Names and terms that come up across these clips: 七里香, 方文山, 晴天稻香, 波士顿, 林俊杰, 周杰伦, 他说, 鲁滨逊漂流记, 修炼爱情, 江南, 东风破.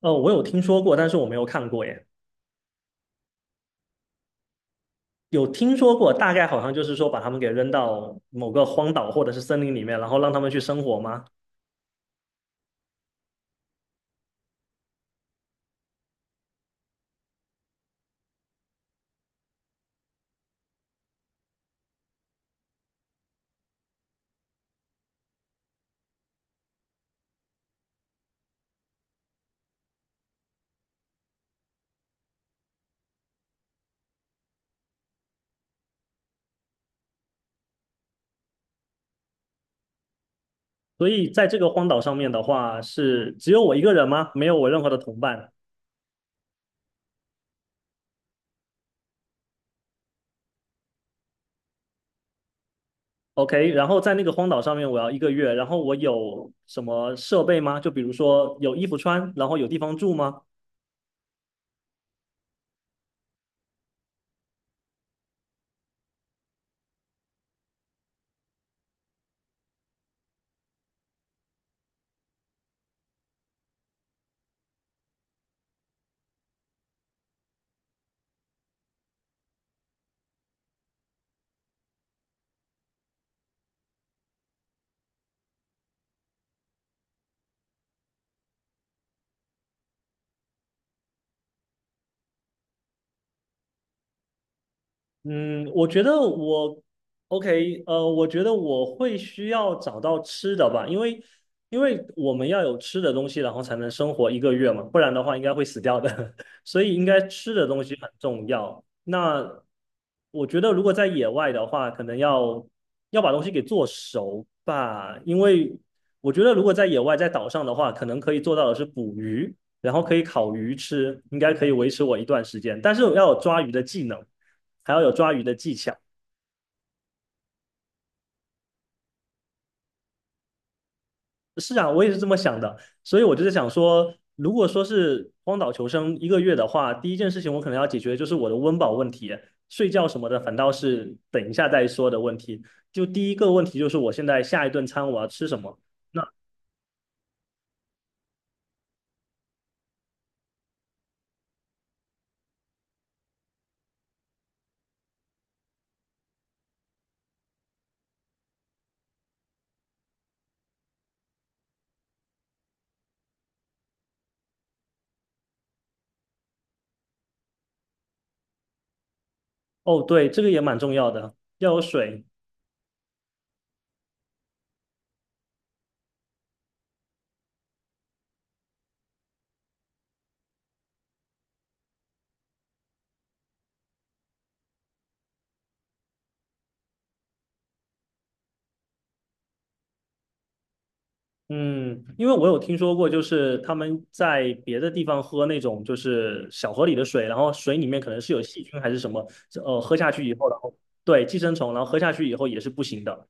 哦，我有听说过，但是我没有看过耶。有听说过，大概好像就是说把他们给扔到某个荒岛或者是森林里面，然后让他们去生活吗？所以在这个荒岛上面的话，是只有我一个人吗？没有我任何的同伴。OK,然后在那个荒岛上面，我要一个月，然后我有什么设备吗？就比如说有衣服穿，然后有地方住吗？嗯，我觉得我会需要找到吃的吧，因为我们要有吃的东西，然后才能生活一个月嘛，不然的话应该会死掉的，所以应该吃的东西很重要。那我觉得如果在野外的话，可能要把东西给做熟吧，因为我觉得如果在野外在岛上的话，可能可以做到的是捕鱼，然后可以烤鱼吃，应该可以维持我一段时间，但是我要有抓鱼的技能。还要有抓鱼的技巧。是啊，我也是这么想的，所以我就是想说，如果说是荒岛求生一个月的话，第一件事情我可能要解决就是我的温饱问题，睡觉什么的反倒是等一下再说的问题。就第一个问题就是我现在下一顿餐我要吃什么？那哦，对，这个也蛮重要的，要有水。嗯，因为我有听说过，就是他们在别的地方喝那种就是小河里的水，然后水里面可能是有细菌还是什么，喝下去以后，然后对寄生虫，然后喝下去以后也是不行的。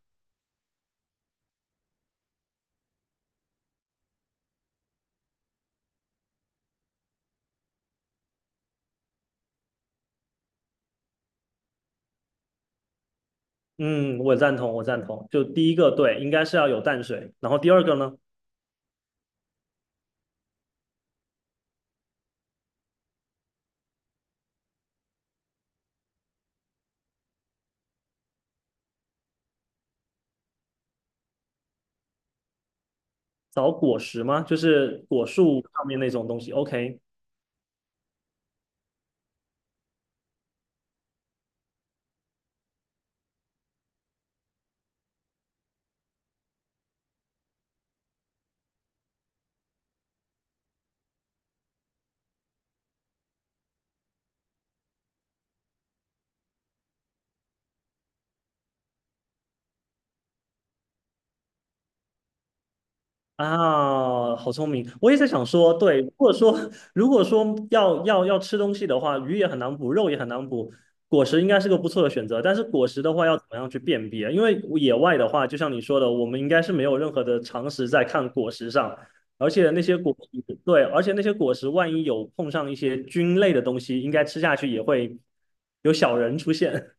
嗯，我赞同，我赞同。就第一个，对，应该是要有淡水，然后第二个呢，找果实吗？就是果树上面那种东西。OK,啊，好聪明！我也在想说，对，如果说要吃东西的话，鱼也很难补，肉也很难补，果实应该是个不错的选择。但是果实的话，要怎么样去辨别？因为野外的话，就像你说的，我们应该是没有任何的常识在看果实上，而且那些果实万一有碰上一些菌类的东西，应该吃下去也会有小人出现。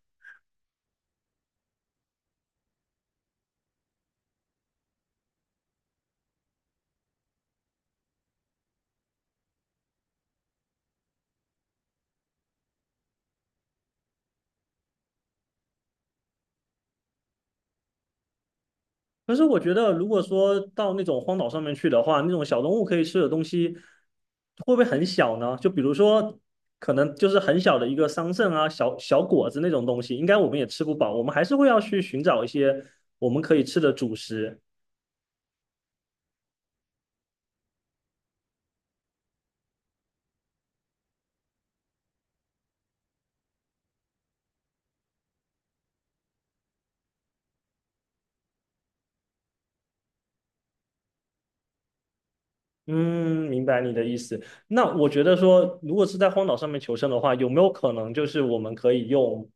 可是我觉得，如果说到那种荒岛上面去的话，那种小动物可以吃的东西，会不会很小呢？就比如说，可能就是很小的一个桑葚啊、小小果子那种东西，应该我们也吃不饱，我们还是会要去寻找一些我们可以吃的主食。嗯，明白你的意思。那我觉得说，如果是在荒岛上面求生的话，有没有可能就是我们可以用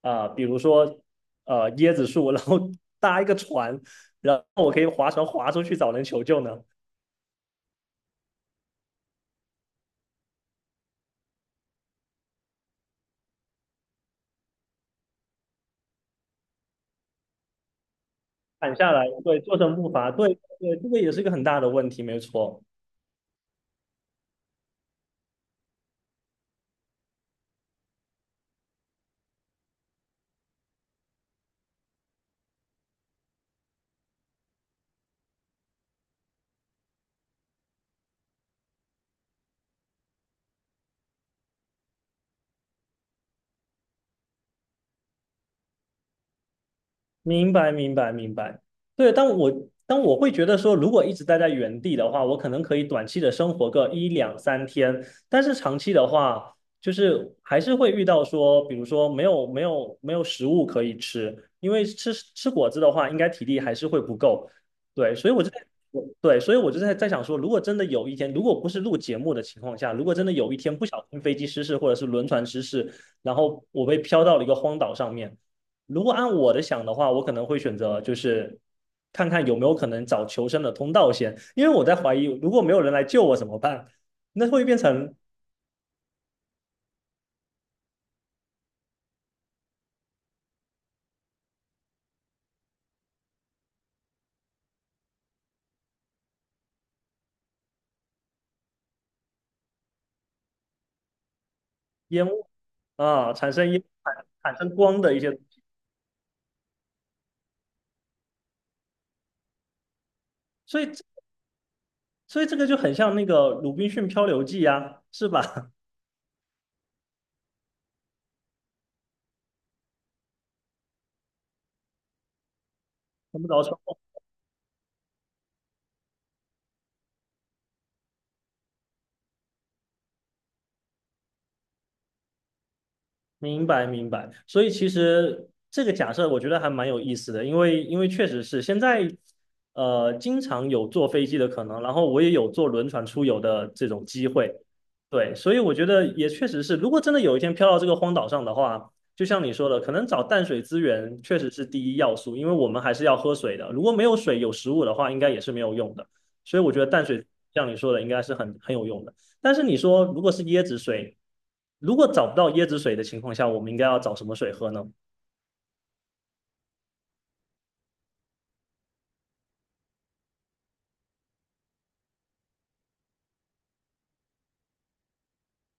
啊、比如说呃椰子树，然后搭一个船，然后我可以划船划出去找人求救呢？砍下来，对，做成步伐，对对，这个也是一个很大的问题，没错。明白，明白，明白。对,但我会觉得说，如果一直待在原地的话，我可能可以短期的生活个一两三天，但是长期的话，就是还是会遇到说，比如说没有食物可以吃，因为吃果子的话，应该体力还是会不够。对，所以我就在我对，所以我就在想说，如果真的有一天，如果不是录节目的情况下，如果真的有一天不小心飞机失事或者是轮船失事，然后我被飘到了一个荒岛上面。如果按我的想的话，我可能会选择就是看看有没有可能找求生的通道先，因为我在怀疑如果没有人来救我怎么办？那会变成烟雾啊，产生光的一些，所以所以这个就很像那个《鲁滨逊漂流记》啊，是吧？我们早说。明白明白，所以其实这个假设我觉得还蛮有意思的，因为确实是现在，呃，经常有坐飞机的可能，然后我也有坐轮船出游的这种机会，对，所以我觉得也确实是，如果真的有一天飘到这个荒岛上的话，就像你说的，可能找淡水资源确实是第一要素，因为我们还是要喝水的，如果没有水有食物的话，应该也是没有用的，所以我觉得淡水像你说的应该是很有用的。但是你说如果是椰子水，如果找不到椰子水的情况下，我们应该要找什么水喝呢？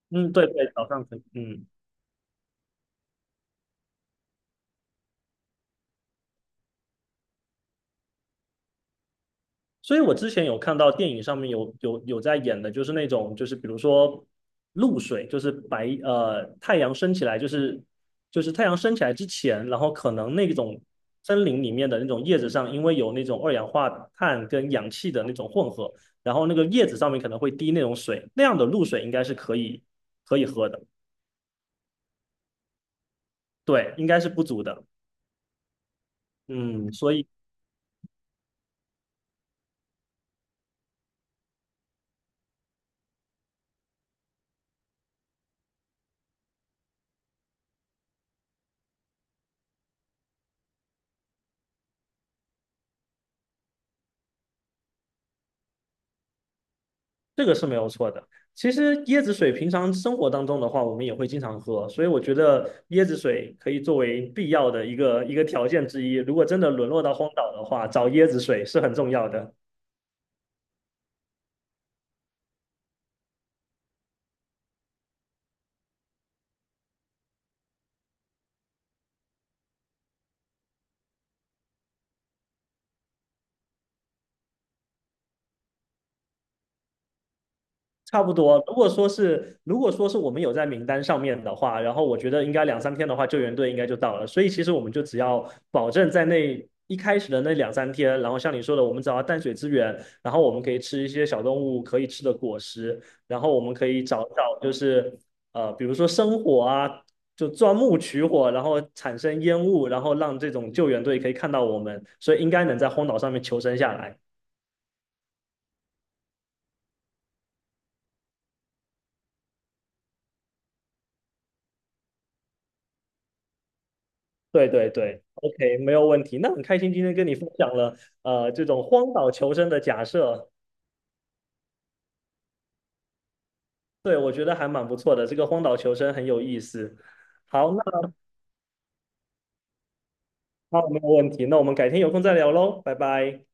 嗯，对对，早上可以，嗯。所以我之前有看到电影上面有在演的，就是那种就是比如说露水，就是白呃太阳升起来，就是太阳升起来之前，然后可能那种森林里面的那种叶子上，因为有那种二氧化碳跟氧气的那种混合，然后那个叶子上面可能会滴那种水，那样的露水应该是可以喝的。对，应该是不足的。嗯，所以这个是没有错的。其实椰子水平常生活当中的话，我们也会经常喝，所以我觉得椰子水可以作为必要的一个条件之一。如果真的沦落到荒岛的话，找椰子水是很重要的。差不多。如果说是我们有在名单上面的话，然后我觉得应该两三天的话，救援队应该就到了。所以其实我们就只要保证在那一开始的那两三天，然后像你说的，我们找到淡水资源，然后我们可以吃一些小动物可以吃的果实，然后我们可以找找就是呃，比如说生火啊，就钻木取火，然后产生烟雾，然后让这种救援队可以看到我们，所以应该能在荒岛上面求生下来。对对对，OK,没有问题。那很开心今天跟你分享了这种荒岛求生的假设，对，我觉得还蛮不错的，这个荒岛求生很有意思。好，那好，没有问题，那我们改天有空再聊喽，拜拜。